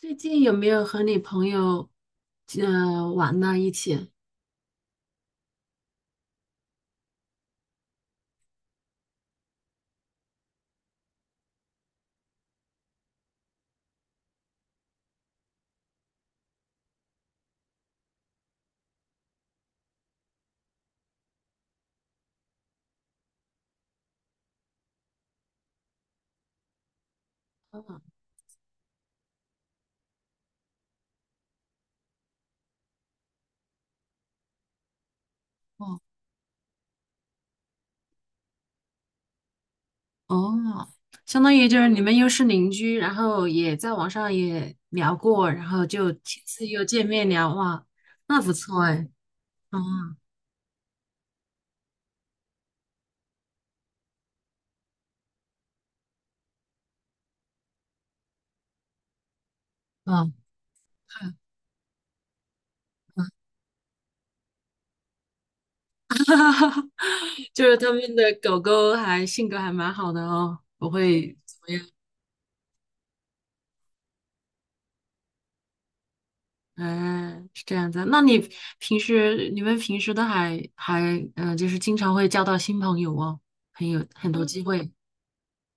最近有没有和你朋友玩呢？一起？哦哦哦，相当于就是你们又是邻居，然后也在网上也聊过，然后就亲自又见面聊，哇，那不错哎，嗯嗯，嗯 就是他们的狗狗还性格还蛮好的哦，不会。怎么样。嗯，是这样子。那你们平时都还就是经常会交到新朋友哦，很多机会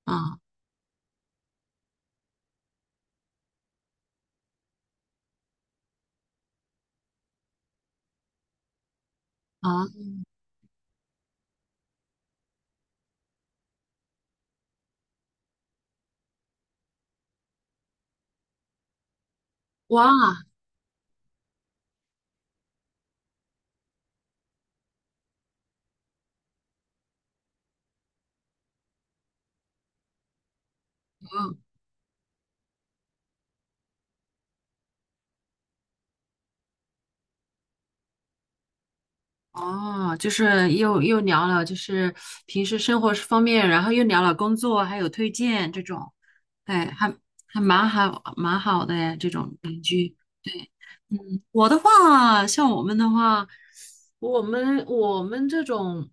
啊啊哇哦哦，就是又聊了，就是平时生活方面，然后又聊了工作，还有推荐这种。哎，还蛮好蛮好的哎，这种邻居。对。我的话，像我们的话，我们这种，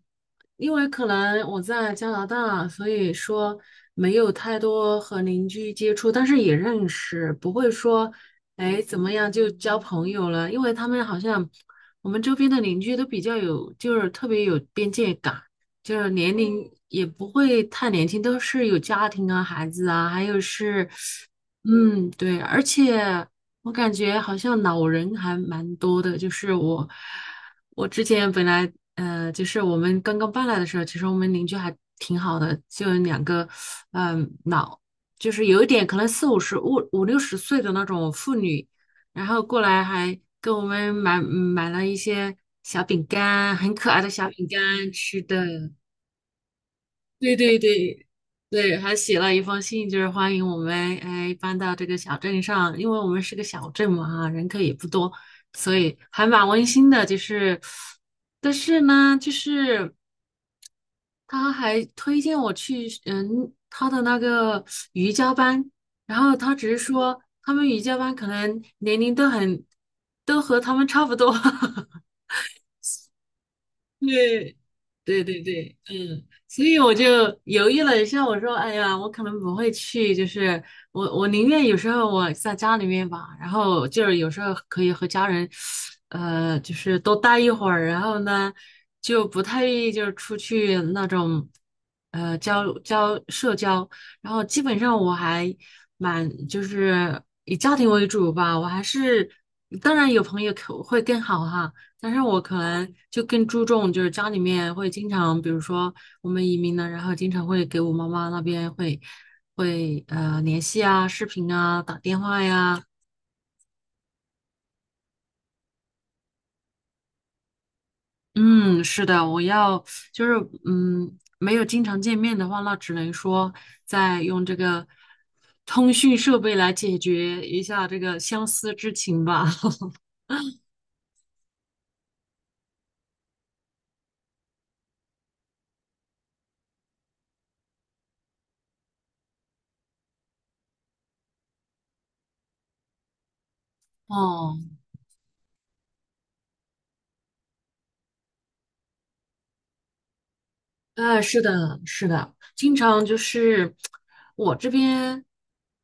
因为可能我在加拿大，所以说没有太多和邻居接触，但是也认识，不会说，哎，怎么样就交朋友了，因为他们好像我们周边的邻居都比较有，就是特别有边界感，就是年龄也不会太年轻，都是有家庭啊、孩子啊，还有是，嗯，对，而且。我感觉好像老人还蛮多的，就是我，我之前本来，就是我们刚刚搬来的时候，其实我们邻居还挺好的，就有两个，嗯、老，就是有一点可能四五十、五六十岁的那种妇女，然后过来还给我们买买了一些小饼干，很可爱的小饼干吃的，对对对对，还写了一封信，就是欢迎我们哎搬到这个小镇上，因为我们是个小镇嘛哈，人口也不多，所以还蛮温馨的。就是，但是呢，就是他还推荐我去他的那个瑜伽班，然后他只是说他们瑜伽班可能年龄都很都和他们差不多，对，对对对，嗯，所以我就犹豫了一下，我说，哎呀，我可能不会去，就是我宁愿有时候我在家里面吧，然后就是有时候可以和家人，就是多待一会儿，然后呢，就不太愿意就是出去那种，社交，然后基本上我还蛮就是以家庭为主吧，我还是当然有朋友可会更好哈。但是我可能就更注重，就是家里面会经常，比如说我们移民了，然后经常会给我妈妈那边会联系啊、视频啊、打电话呀。嗯，是的，我要就是没有经常见面的话，那只能说再用这个通讯设备来解决一下这个相思之情吧。哦。哎，是的，是的，经常就是我这边，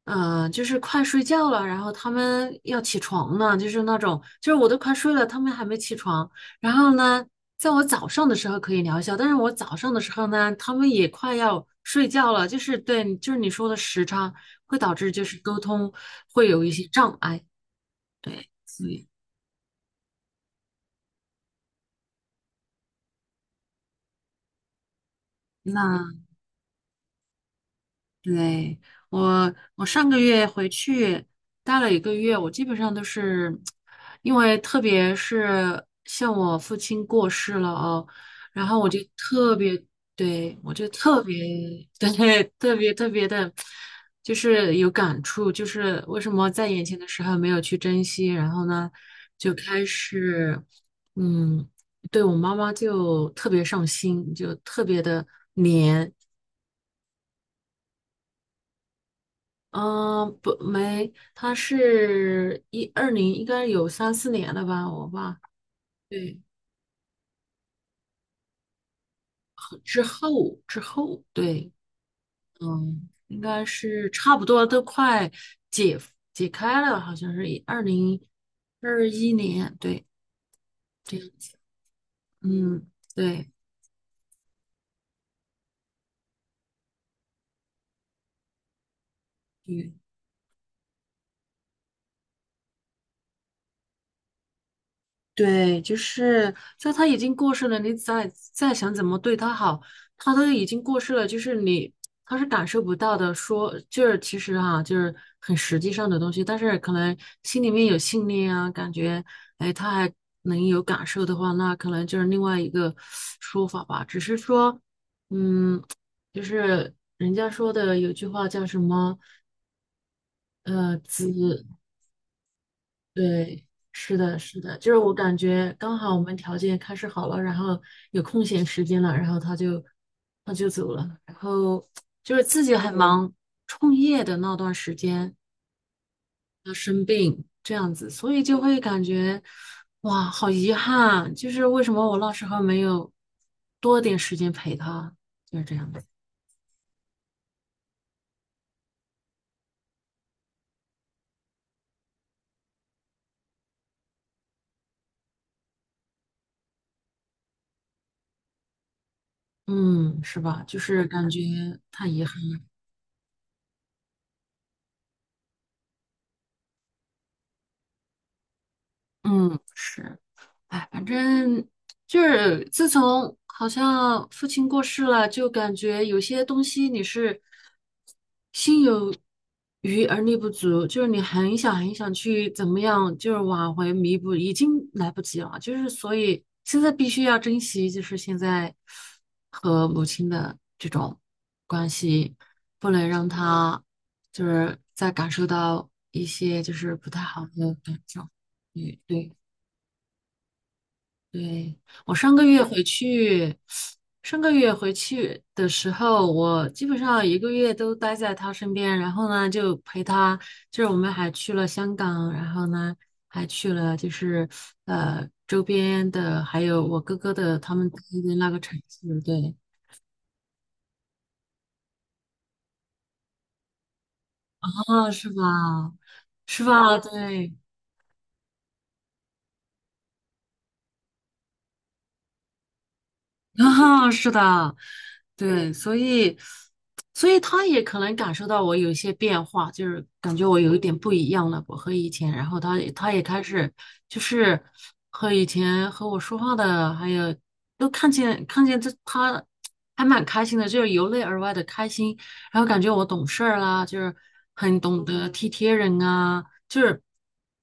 就是快睡觉了，然后他们要起床呢，就是那种，就是我都快睡了，他们还没起床。然后呢，在我早上的时候可以聊一下，但是我早上的时候呢，他们也快要睡觉了，就是对，就是你说的时差会导致就是沟通会有一些障碍，对，所以那。对，我上个月回去待了一个月，我基本上都是，因为特别是像我父亲过世了哦，然后我就特别，对，我就特别，对，特别特别的，就是有感触，就是为什么在眼前的时候没有去珍惜，然后呢，就开始，嗯，对我妈妈就特别上心，就特别的黏。嗯，不，没，他是一二零，应该有三四年了吧，我吧，对，之后，对，嗯，应该是差不多都快解解开了，好像是2021年，对，这样子，嗯，对，对，对，就是在他已经过世了，你再想怎么对他好，他都已经过世了，就是你他是感受不到的。说就是其实哈、就是很实际上的东西，但是可能心里面有信念啊，感觉哎他还能有感受的话，那可能就是另外一个说法吧。只是说，嗯，就是人家说的有句话叫什么，呃，子对，是的，是的，就是我感觉刚好我们条件开始好了，然后有空闲时间了，然后他就走了，然后就是自己很忙，创业的那段时间他生病这样子，所以就会感觉哇，好遗憾，就是为什么我那时候没有多点时间陪他，就是这样子，嗯，是吧？就是感觉太遗憾，嗯，是。哎，反正就是自从好像父亲过世了，就感觉有些东西你是心有余而力不足，就是你很想很想去怎么样，就是挽回弥补，已经来不及了。就是所以现在必须要珍惜，就是现在和母亲的这种关系，不能让她就是再感受到一些就是不太好的感受。嗯，对。对，我上个月回去，上个月回去的时候，我基本上一个月都待在他身边，然后呢就陪他，就是我们还去了香港，然后呢还去了就是周边的，还有我哥哥的他们待的那个城市，对，啊，是吧？是吧？对，啊，是的，对，所以，所以他也可能感受到我有一些变化，就是感觉我有一点不一样了，我和以前，然后他也开始就是和以前和我说话的，还有都看见这他还蛮开心的，就是由内而外的开心，然后感觉我懂事儿啦，就是很懂得体贴人啊，就是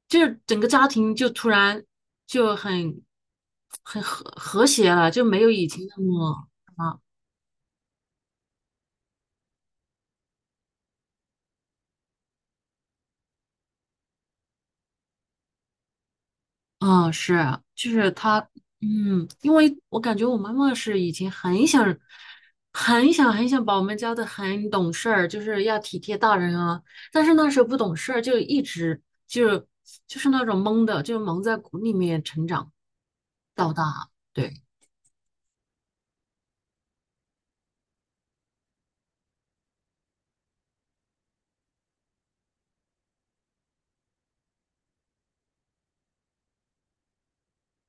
就是整个家庭就突然就很很和谐了，就没有以前那么啊，啊是，就是他，嗯，因为我感觉我妈妈是以前很想很想很想把我们教的很懂事儿，就是要体贴大人啊，但是那时候不懂事儿，就一直就就是那种懵的，就蒙在鼓里面成长到大，对。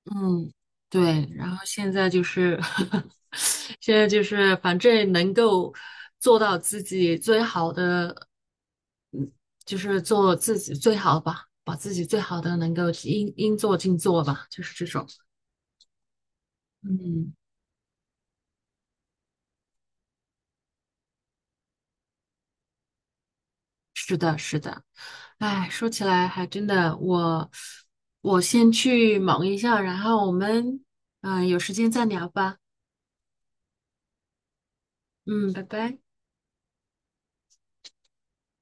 嗯，对，然后现在就是，现在就是，反正能够做到自己最好的，就是做自己最好吧，把自己最好的能够应应做尽做吧，就是这种。嗯，哎，说起来还真的，我我先去忙一下，然后我们有时间再聊吧。嗯，拜拜。